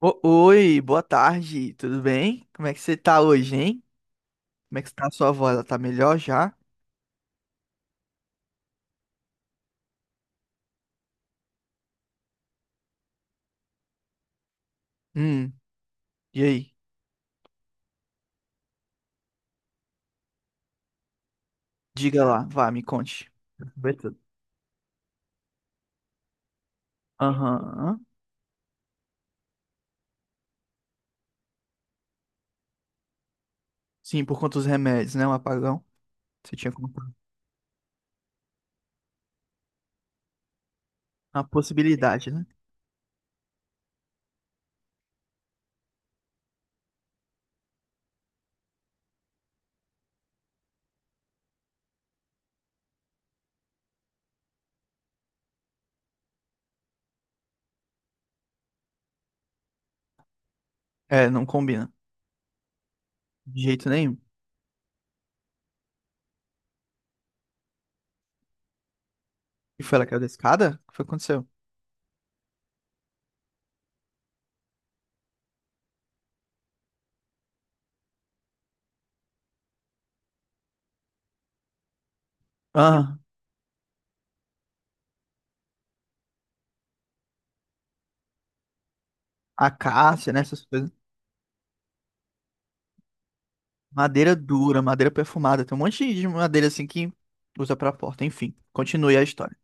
O- Oi, boa tarde, tudo bem? Como é que você tá hoje, hein? Como é que tá a sua voz? Ela tá melhor já? Hum, e aí? Diga lá, vá, me conte. Vai tudo. Aham. Sim, por conta dos remédios, né? Um apagão. Você tinha comprado. Uma possibilidade, né? É, não combina. De jeito nenhum. E foi ela que caiu da escada? O que foi que aconteceu? Ah, acácia, né? Essas coisas. Madeira dura, madeira perfumada. Tem um monte de madeira assim que usa pra porta. Enfim, continue a história.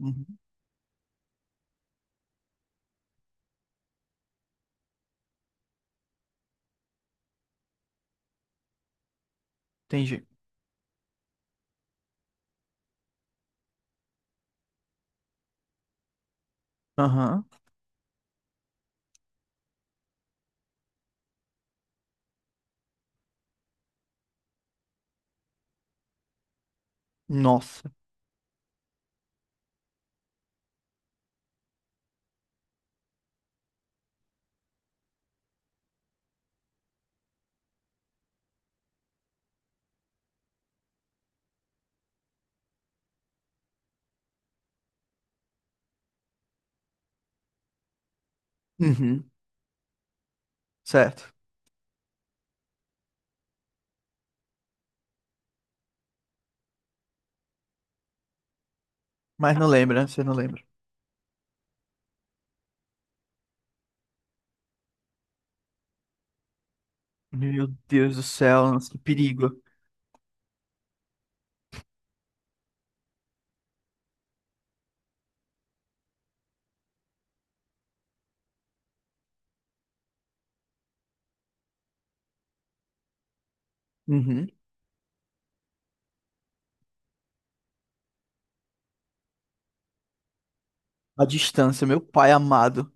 Uhum, entendi. Aham. Nossa. Uhum. Certo. Mas não lembra, né? Você não lembra. Meu Deus do céu, nossa, que perigo. Uhum. A distância, meu pai amado.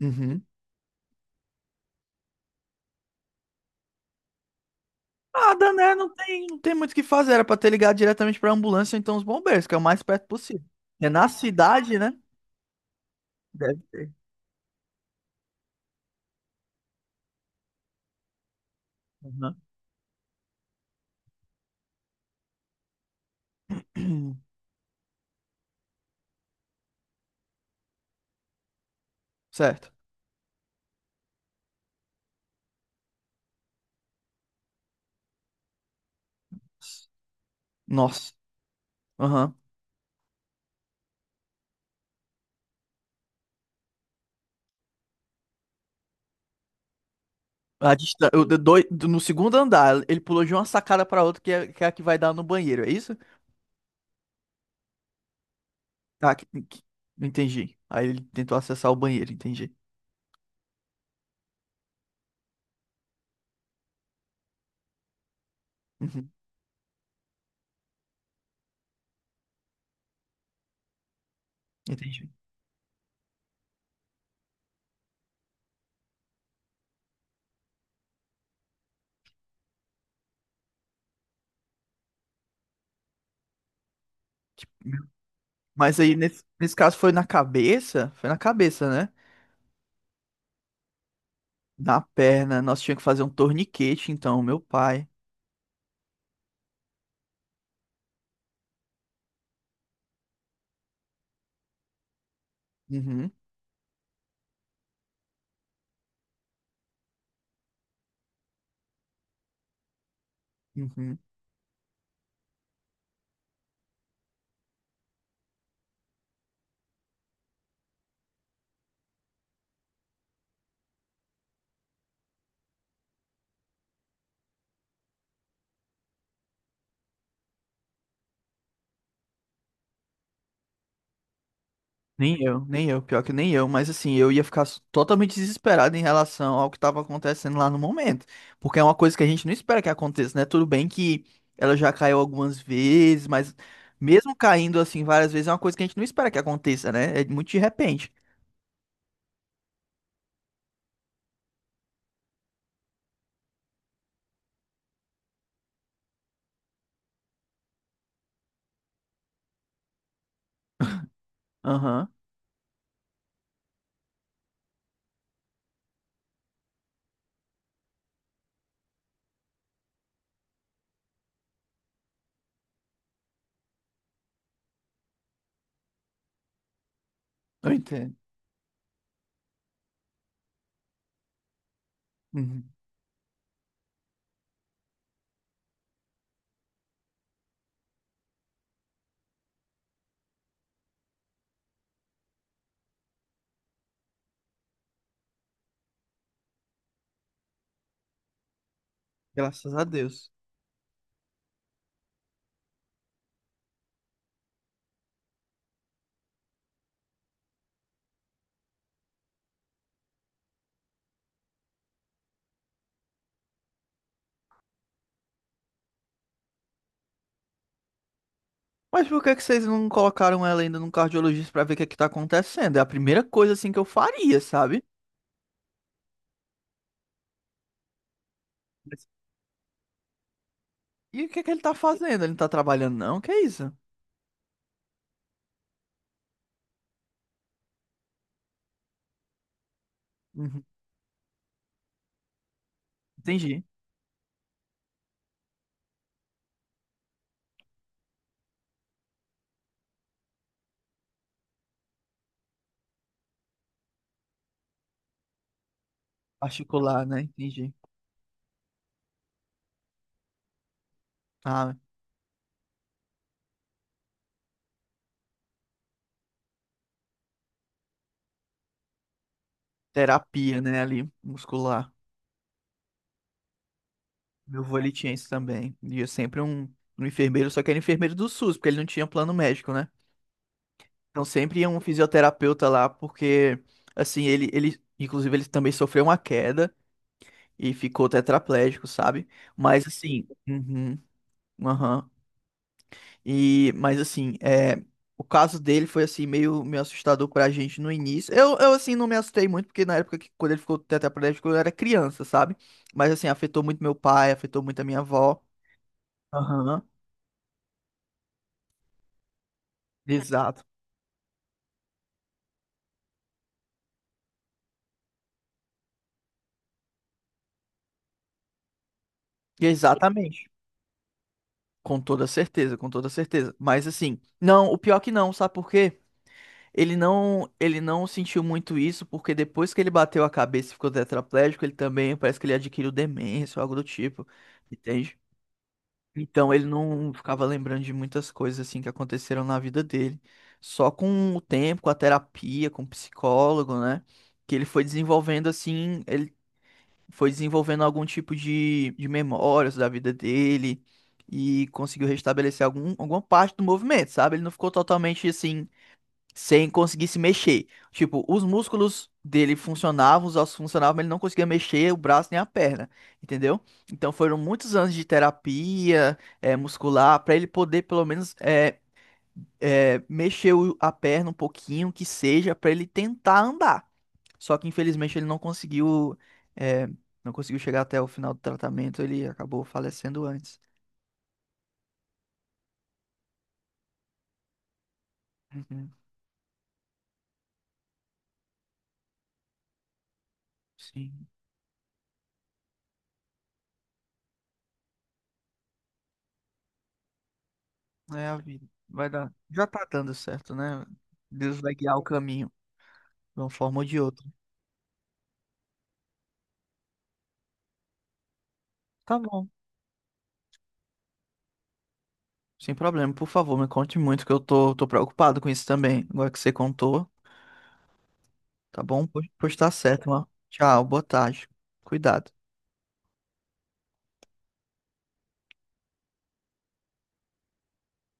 Uhum. Nada, né? Não tem muito o que fazer. Era pra ter ligado diretamente pra ambulância, ou então os bombeiros, que é o mais perto possível. É na cidade, né? Deve ter. Uhum. Certo. Nossa. Aham. A distância, no segundo andar, ele pulou de uma sacada pra outra, que é a que vai dar no banheiro, é isso? Ah, entendi. Aí ele tentou acessar o banheiro, entendi. Uhum, entendi. Mas aí, nesse caso, foi na cabeça? Foi na cabeça, né? Na perna. Nós tínhamos que fazer um torniquete, então, meu pai. Uhum, uhum. Nem eu, nem eu. Pior que nem eu. Mas assim, eu ia ficar s- totalmente desesperado em relação ao que estava acontecendo lá no momento. Porque é uma coisa que a gente não espera que aconteça, né? Tudo bem que ela já caiu algumas vezes, mas mesmo caindo assim várias vezes, é uma coisa que a gente não espera que aconteça, né? É muito de repente. Aham, eu entendo. Uhum. Graças a Deus. Mas por que que vocês não colocaram ela ainda num cardiologista pra ver o que é que tá acontecendo? É a primeira coisa assim que eu faria, sabe? Mas- E o que é que ele tá fazendo? Ele não tá trabalhando, não? Que é isso? Uhum. Entendi. Particular, né? Entendi. Ah, terapia, né? Ali, muscular. Meu avô, ele tinha isso também. E sempre um enfermeiro, só que era enfermeiro do SUS, porque ele não tinha plano médico, né? Então sempre ia um fisioterapeuta lá, porque, assim, inclusive, ele também sofreu uma queda. E ficou tetraplégico, sabe? Mas assim, uhum, aham. E mas assim, o caso dele foi assim meio assustador pra gente no início. Eu assim não me assustei muito porque na época que quando ele ficou tetraplégico eu era criança, sabe? Mas assim, afetou muito meu pai, afetou muito a minha avó. Aham. Exato. Exatamente. Com toda certeza, com toda certeza. Mas assim, não, o pior é que não, sabe por quê? Ele não sentiu muito isso, porque depois que ele bateu a cabeça e ficou tetraplégico, ele também parece que ele adquiriu demência ou algo do tipo, entende? Então ele não ficava lembrando de muitas coisas assim que aconteceram na vida dele. Só com o tempo, com a terapia, com o psicólogo, né? Que ele foi desenvolvendo assim, ele foi desenvolvendo algum tipo de memórias da vida dele e conseguiu restabelecer alguma parte do movimento, sabe? Ele não ficou totalmente assim sem conseguir se mexer. Tipo, os músculos dele funcionavam, os ossos funcionavam, mas ele não conseguia mexer o braço nem a perna, entendeu? Então foram muitos anos de terapia muscular para ele poder pelo menos a perna um pouquinho, que seja, para ele tentar andar. Só que infelizmente ele não conseguiu, eh, não conseguiu chegar até o final do tratamento, ele acabou falecendo antes. Uhum, sim, é a vida. Vai dar. Já tá dando certo, né? Deus vai guiar o caminho. De uma forma ou de outra. Tá bom, sem problema, por favor, me conte muito, que eu tô, tô preocupado com isso também, agora que você contou, tá bom? Pois tá certo, ó. Tchau, boa tarde, cuidado.